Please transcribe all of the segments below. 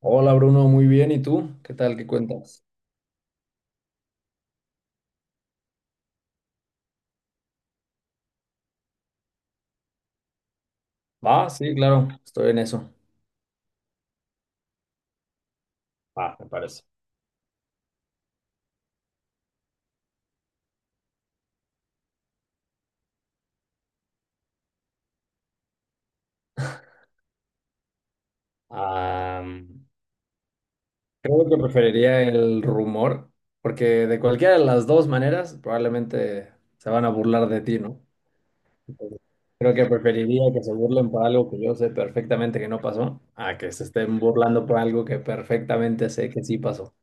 Hola Bruno, muy bien. ¿Y tú? ¿Qué tal? ¿Qué cuentas? Va, sí, claro, estoy en eso. Va, me parece. Am, Creo que preferiría el rumor, porque de cualquiera de las dos maneras probablemente se van a burlar de ti, ¿no? Entonces, creo que preferiría que se burlen por algo que yo sé perfectamente que no pasó, a que se estén burlando por algo que perfectamente sé que sí pasó.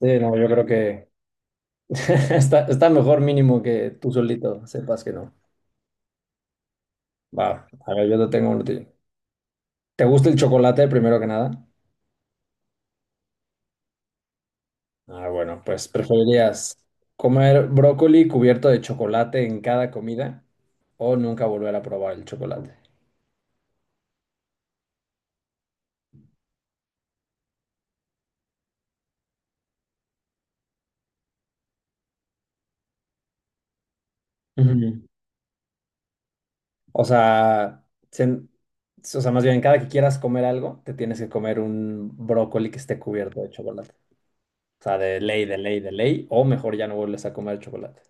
Sí, no, yo creo que está mejor mínimo que tú solito sepas que no. Va, a ver, yo te tengo uno a ti. ¿Te gusta el chocolate primero que nada? Ah, bueno, pues preferirías comer brócoli cubierto de chocolate en cada comida o nunca volver a probar el chocolate. Ujú. O sea, sen- o sea, más bien, cada que quieras comer algo, te tienes que comer un brócoli que esté cubierto de chocolate. O sea, de ley, de ley, de ley, o mejor ya no vuelves a comer chocolate.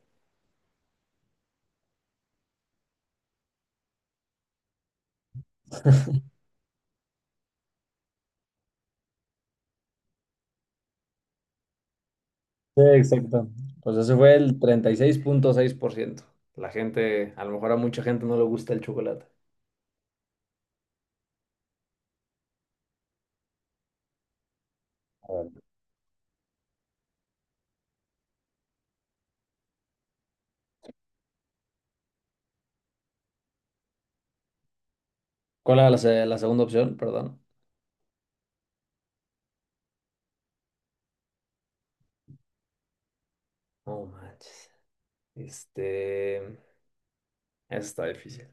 Sí, exacto. Pues ese fue el treinta y seis punto seis por ciento. La gente, a lo mejor a mucha gente no le gusta el chocolate. ¿Cuál era la, se- La segunda opción? Perdón. No manches. Este, eso está difícil.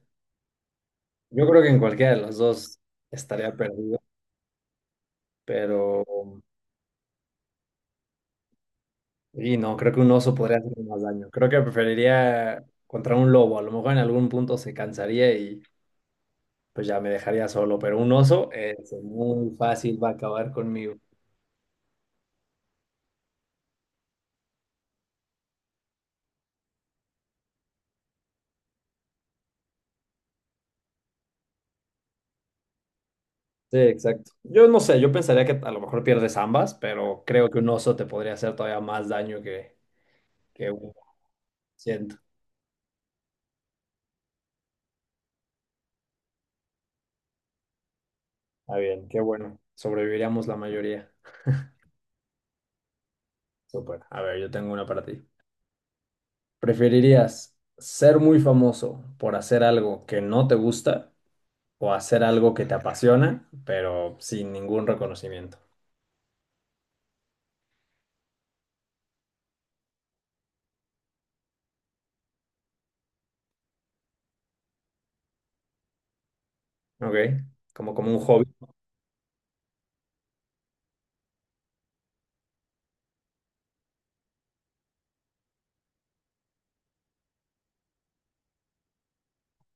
Yo creo que en cualquiera de las dos estaría perdido, pero... Y no, creo que un oso podría hacerme más daño. Creo que preferiría contra un lobo. A lo mejor en algún punto se cansaría y pues ya me dejaría solo, pero un oso es muy fácil, va a acabar conmigo. Sí, exacto. Yo no sé, yo pensaría que a lo mejor pierdes ambas, pero creo que un oso te podría hacer todavía más daño que un 100. Ah bien, qué bueno. Sobreviviríamos la mayoría. Súper. A ver, yo tengo una para ti. ¿Preferirías ser muy famoso por hacer algo que no te gusta o hacer algo que te apasiona, pero sin ningún reconocimiento? ¿Ok? Como un hobby.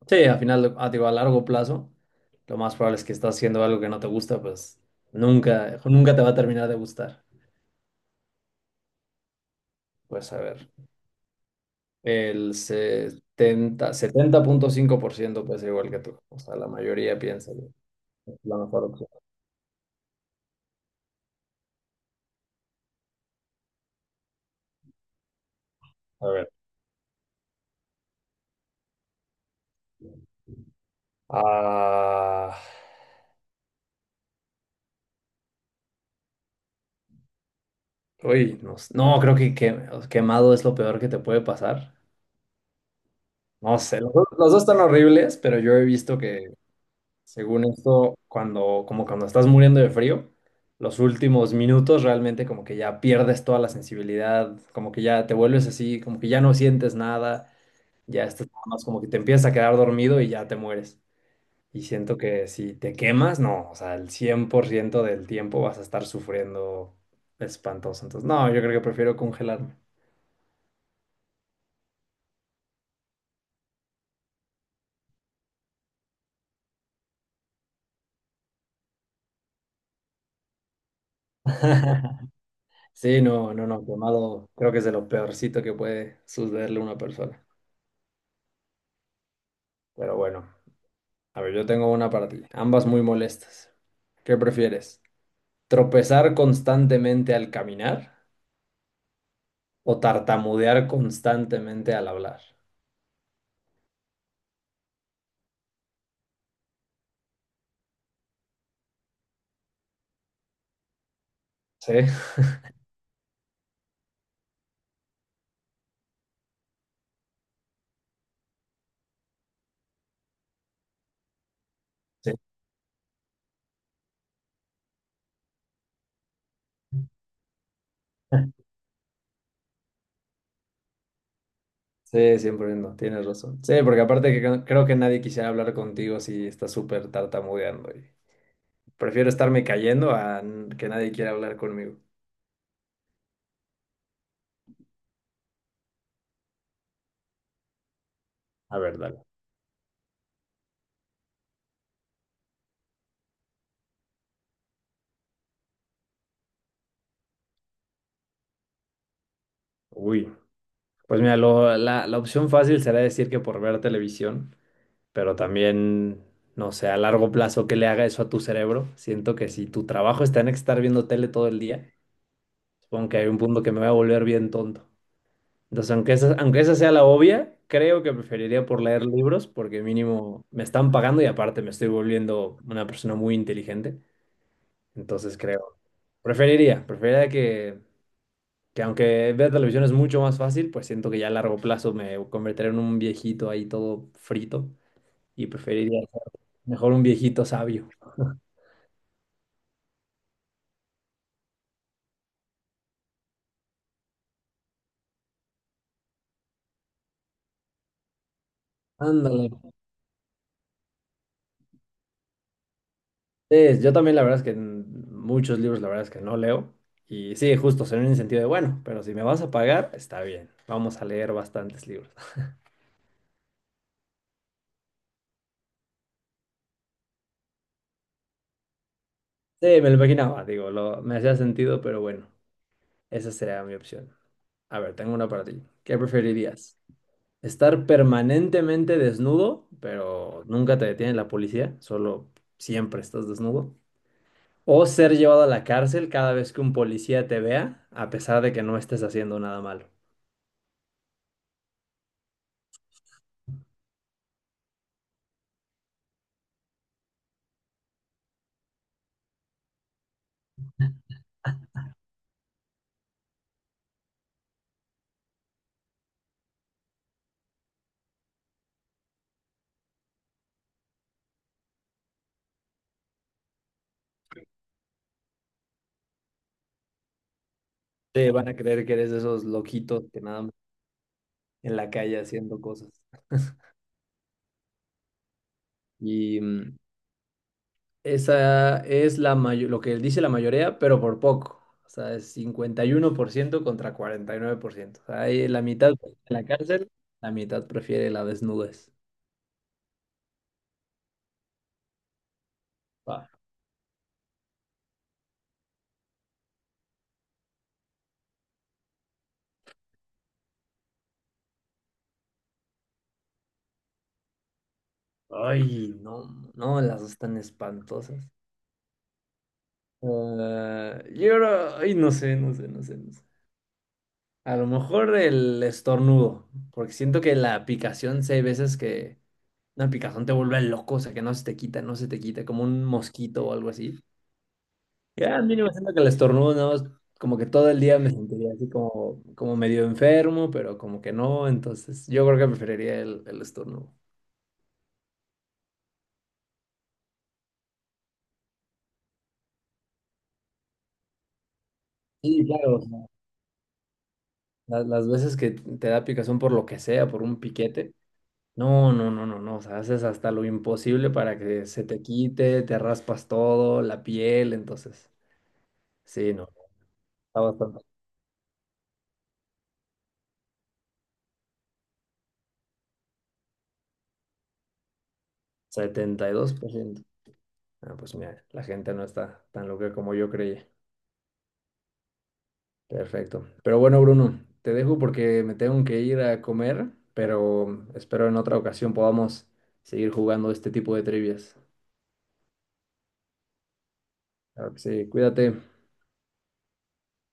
Sí, al final, a, digo, a largo plazo, lo más probable es que estás haciendo algo que no te gusta, pues nunca te va a terminar de gustar. Pues a ver, el setenta punto cinco por ciento pues igual que tú. O sea, la mayoría piensa la mejor opción. A ver. Ah, uy, no, no, creo que quemado es lo peor que te puede pasar. No sé, los dos están horribles, pero yo he visto que, según esto, cuando, como cuando estás muriendo de frío, los últimos minutos realmente como que ya pierdes toda la sensibilidad, como que ya te vuelves así, como que ya no sientes nada, ya estás nada más como que te empiezas a quedar dormido y ya te mueres. Y siento que si te quemas, no, o sea, el 100% del tiempo vas a estar sufriendo espantoso. Entonces, no, yo creo que prefiero congelarme. Sí, no, no, no, quemado creo que es de lo peorcito que puede sucederle a una persona. Pero bueno, a ver, yo tengo una para ti, ambas muy molestas. ¿Qué prefieres? ¿Tropezar constantemente al caminar o tartamudear constantemente al hablar? Sí, sí. Sí, 100%, tienes razón. Sí, porque aparte que creo que nadie quisiera hablar contigo si estás súper tartamudeando. Y prefiero estarme cayendo a que nadie quiera hablar conmigo. A ver, dale. Uy, pues mira, la opción fácil será decir que por ver televisión, pero también, no sé, a largo plazo, ¿qué le haga eso a tu cerebro? Siento que si tu trabajo está en estar viendo tele todo el día, supongo que hay un punto que me voy a volver bien tonto. Entonces, aunque esa sea la obvia, creo que preferiría por leer libros porque mínimo me están pagando y aparte me estoy volviendo una persona muy inteligente. Entonces creo, preferiría que aunque ver televisión es mucho más fácil, pues siento que ya a largo plazo me convertiré en un viejito ahí todo frito y preferiría ser mejor un viejito sabio. Ándale. Sí, yo también la verdad es que muchos libros la verdad es que no leo. Y sí, justo, en un sentido de, bueno, pero si me vas a pagar, está bien. Vamos a leer bastantes libros. Sí, me lo imaginaba, digo, lo, me hacía sentido, pero bueno, esa sería mi opción. A ver, tengo una para ti. ¿Qué preferirías? ¿Estar permanentemente desnudo, pero nunca te detiene la policía? Solo siempre estás desnudo. ¿O ser llevado a la cárcel cada vez que un policía te vea, a pesar de que no estés haciendo nada malo? Te van a creer que eres de esos loquitos que nada más en la calle haciendo cosas. Y esa es lo que dice la mayoría, pero por poco. O sea, es 51% contra 49%. O sea, hay la mitad en la cárcel, la mitad prefiere la desnudez. Pa. Ay, no, no, las dos están espantosas. Ah, yo, ay, no sé. A lo mejor el estornudo, porque siento que la picación, sí hay veces que una picazón te vuelve loco, o sea, que no se te quita, como un mosquito o algo así. Ya, a mí me siento que el estornudo, no, es como que todo el día me sentiría así como, como medio enfermo, pero como que no, entonces yo creo que preferiría el estornudo. Sí, claro, o sea, las veces que te da picazón por lo que sea, por un piquete. No. O sea, haces hasta lo imposible para que se te quite, te raspas todo, la piel, entonces. Sí, no, está bastante. 72%. Ah, pues mira, la gente no está tan loca como yo creía. Perfecto. Pero bueno, Bruno, te dejo porque me tengo que ir a comer, pero espero en otra ocasión podamos seguir jugando este tipo de trivias. Claro que sí, cuídate.